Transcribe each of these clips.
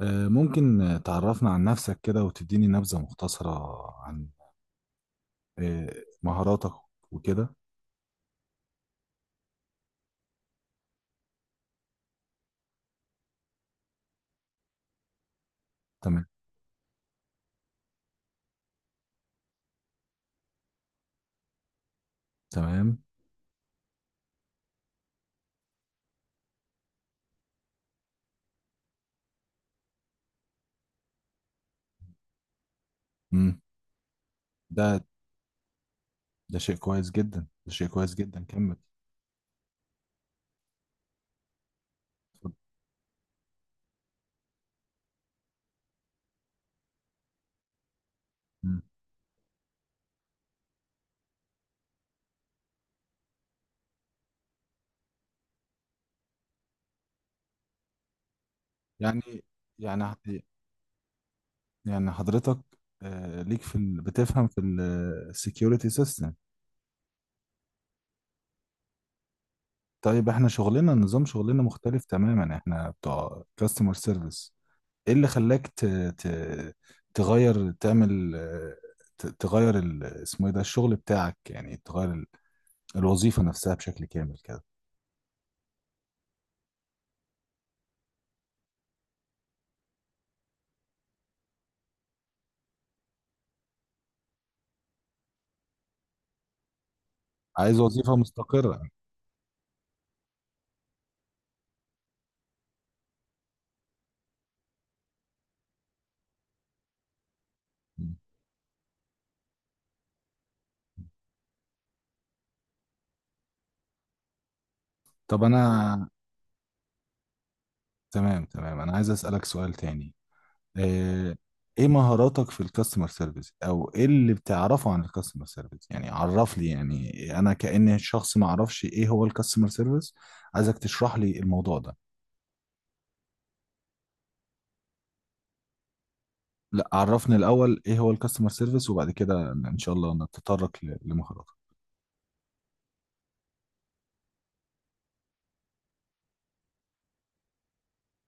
ممكن تعرفنا عن نفسك كده وتديني نبذة مختصرة عن آه، مهاراتك وكده. تمام، تمام. مم. ده ده شيء كويس جدا، ده شيء كويس جدا، كمل. اتفضل. مم. يعني يعني يعني حضرتك ليك في بتفهم في السكيورتي سيستم؟ طيب احنا شغلنا، نظام شغلنا مختلف تماما، احنا بتوع كاستمر سيرفيس. ايه اللي خلاك ت... تغير، تعمل تغير اسمه ايه ده الشغل بتاعك، يعني تغير الوظيفة نفسها بشكل كامل كده؟ عايز وظيفة مستقرة. طب انا تمام، تمام، انا عايز اسألك سؤال تاني. آه، ايه مهاراتك في الكاستمر سيرفيس، او ايه اللي بتعرفه عن الكاستمر سيرفيس؟ يعني عرف لي، يعني انا كأني شخص ما اعرفش ايه هو الكاستمر سيرفيس. عايزك تشرح لي الموضوع ده. لا، عرفني الاول ايه هو الكاستمر سيرفيس، وبعد كده ان شاء الله نتطرق لمهاراتك.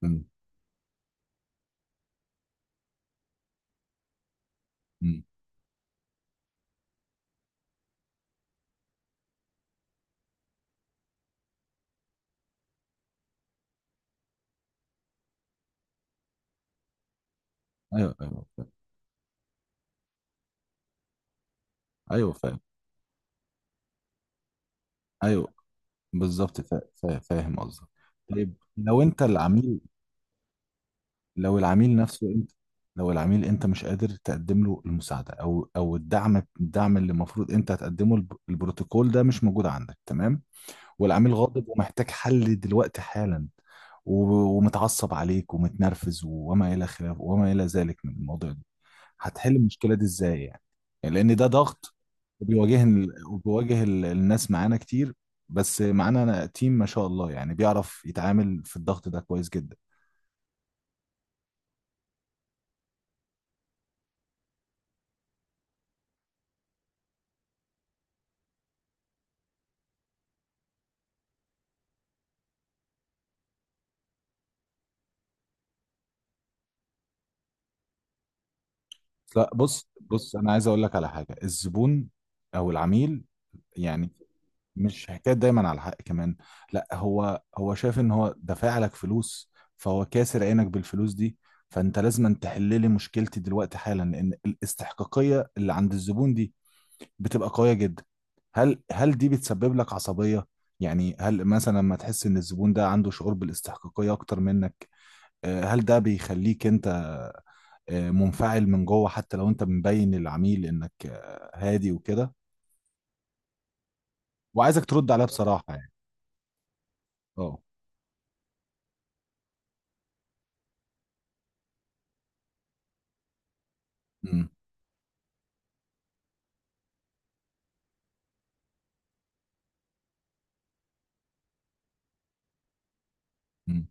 مم. مم. ايوه، ايوه، فاهم. ايوه فاهم. ايوه بالظبط، فاهم قصدك. طيب لو انت العميل، لو العميل نفسه انت، لو العميل انت مش قادر تقدم له المساعده او او الدعم، الدعم اللي المفروض انت هتقدمه، البروتوكول ده مش موجود عندك، تمام؟ والعميل غاضب ومحتاج حل دلوقتي حالا، ومتعصب عليك ومتنرفز وما الى خلاف وما الى ذلك من الموضوع، هتحل المشكله دي ازاي يعني؟ يعني لان ده ضغط. وبيواجه، وبيواجه الناس معانا كتير، بس معانا أنا تيم ما شاء الله يعني بيعرف يتعامل في الضغط ده كويس جدا. لا بص، بص، انا عايز اقول لك على حاجه: الزبون او العميل يعني مش حكايه دايما على الحق كمان، لا، هو شايف ان هو دافع لك فلوس، فهو كاسر عينك بالفلوس دي، فانت لازم تحل لي مشكلتي دلوقتي حالا، لان الاستحقاقيه اللي عند الزبون دي بتبقى قوية جدا. هل دي بتسبب لك عصبية؟ يعني هل مثلا لما تحس ان الزبون ده عنده شعور بالاستحقاقية اكتر منك، هل ده بيخليك انت منفعل من جوه، حتى لو انت مبين للعميل انك هادي وكده؟ وعايزك ترد عليها بصراحة يعني. اه. أمم، أمم.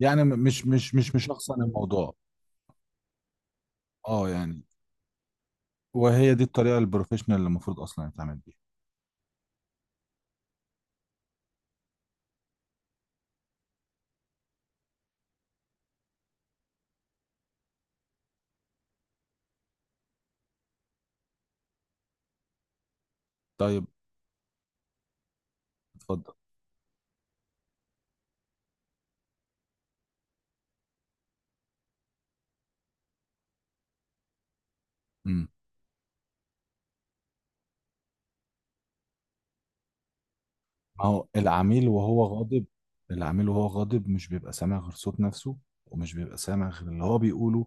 يعني مش شخصا الموضوع. اه يعني. وهي دي الطريقة البروفيشنال اللي المفروض اصلا يتعامل بيها. طيب. اتفضل. ما هو العميل وهو غاضب. العميل وهو غاضب مش بيبقى سامع غير صوت نفسه، ومش بيبقى سامع غير اللي هو بيقوله،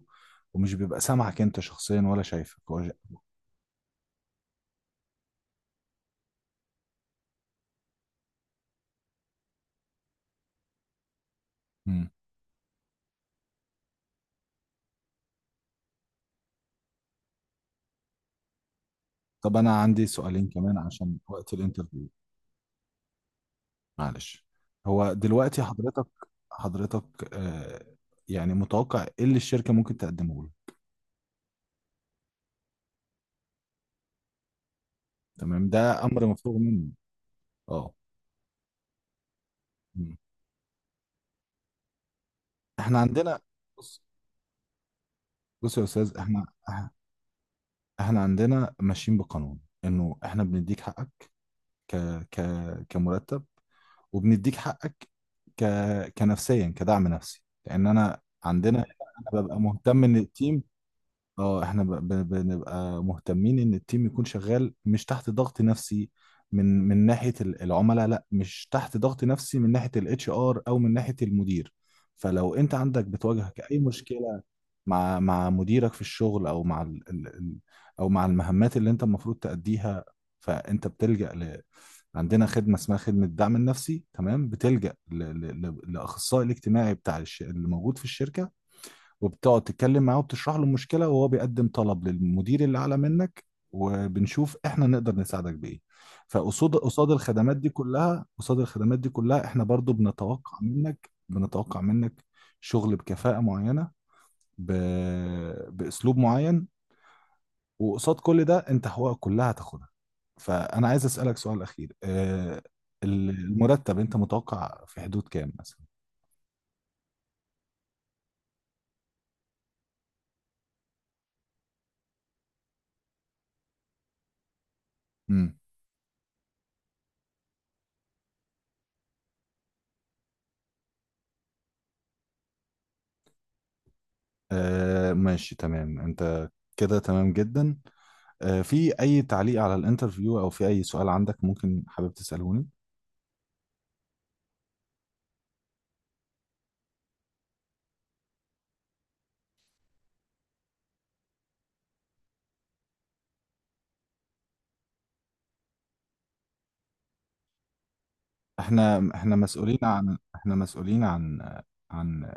ومش بيبقى سامعك انت شخصيا ولا شايفك. هو جا-. مم. طب انا عندي سؤالين كمان عشان وقت الانترفيو. معلش. هو دلوقتي حضرتك، حضرتك، آه، يعني متوقع ايه اللي الشركة ممكن تقدمه له؟ تمام، ده امر مفروغ منه. اه. مم. احنا عندنا، بص، بص يا استاذ، احنا، احنا عندنا ماشيين بقانون انه احنا بنديك حقك ك ك كمرتب، وبنديك حقك ك كنفسيا، كدعم نفسي، لان انا عندنا انا ببقى مهتم ان التيم، اه احنا بنبقى مهتمين ان التيم يكون شغال مش تحت ضغط نفسي. من ناحية العملاء، لا، مش تحت ضغط نفسي من ناحية الاتش ار او من ناحية المدير. فلو انت عندك بتواجهك اي مشكلة مع مديرك في الشغل، او مع ال، او مع المهمات اللي انت المفروض تأديها، فانت بتلجأ عندنا خدمة اسمها خدمة الدعم النفسي، تمام؟ بتلجأ لأخصائي الاجتماعي بتاع اللي موجود في الشركة، وبتقعد تتكلم معاه وبتشرح له المشكلة، وهو بيقدم طلب للمدير اللي أعلى منك، وبنشوف احنا نقدر نساعدك بإيه. فقصاد، قصاد الخدمات دي كلها، قصاد الخدمات دي كلها، احنا برضو بنتوقع منك، بنتوقع منك شغل بكفاءة معينة، ب... باسلوب معين، وقصاد كل ده انت حقوقك كلها هتاخدها. فانا عايز اسالك سؤال اخير، المرتب انت متوقع في حدود كام مثلا؟ امم. آه ماشي، تمام، انت كده تمام جدا. آه في اي تعليق على الانترفيو او في اي سؤال عندك ممكن حابب تسالوني؟ احنا مسؤولين عن، احنا مسؤولين عن، عن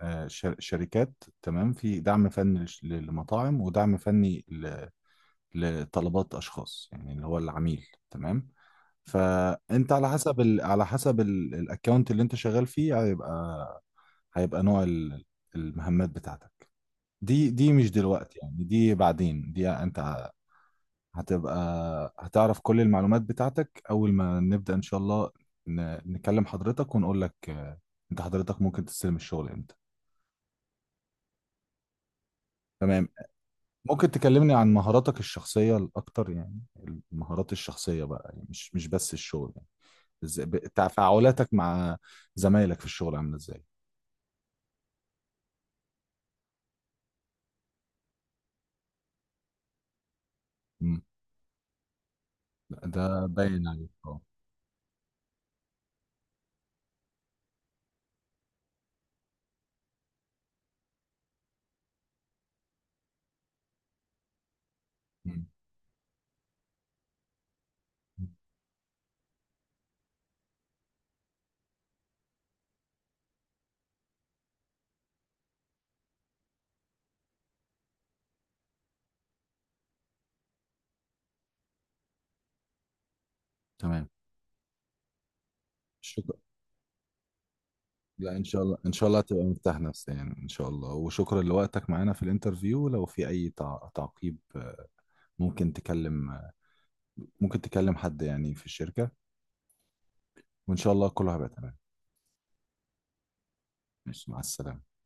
شركات، تمام، في دعم فني للمطاعم ودعم فني لطلبات اشخاص، يعني اللي هو العميل، تمام؟ فانت على حسب على حسب الاكونت اللي انت شغال فيه، هيبقى، هيبقى نوع المهمات بتاعتك. دي مش دلوقتي يعني، دي بعدين، دي انت هتبقى، هتعرف كل المعلومات بتاعتك اول ما نبدأ ان شاء الله، نكلم حضرتك ونقول لك انت حضرتك ممكن تستلم الشغل امتى. تمام. ممكن تكلمني عن مهاراتك الشخصية الأكتر يعني، المهارات الشخصية بقى، يعني مش بس الشغل، تفاعلاتك مع زمايلك في الشغل عامله ازاي؟ مم. لا، ده باين عليك، اه. مم. مم. تمام. شكرا. لا ان شاء الله، ان شاء الله تبقى مرتاح نفسيا ان شاء الله. وشكرا لوقتك معانا في الانترفيو. لو في اي تعقيب، ممكن تكلم، ممكن تكلم حد يعني في الشركه، وان شاء الله كله هيبقى تمام. ماشي، مع السلامه.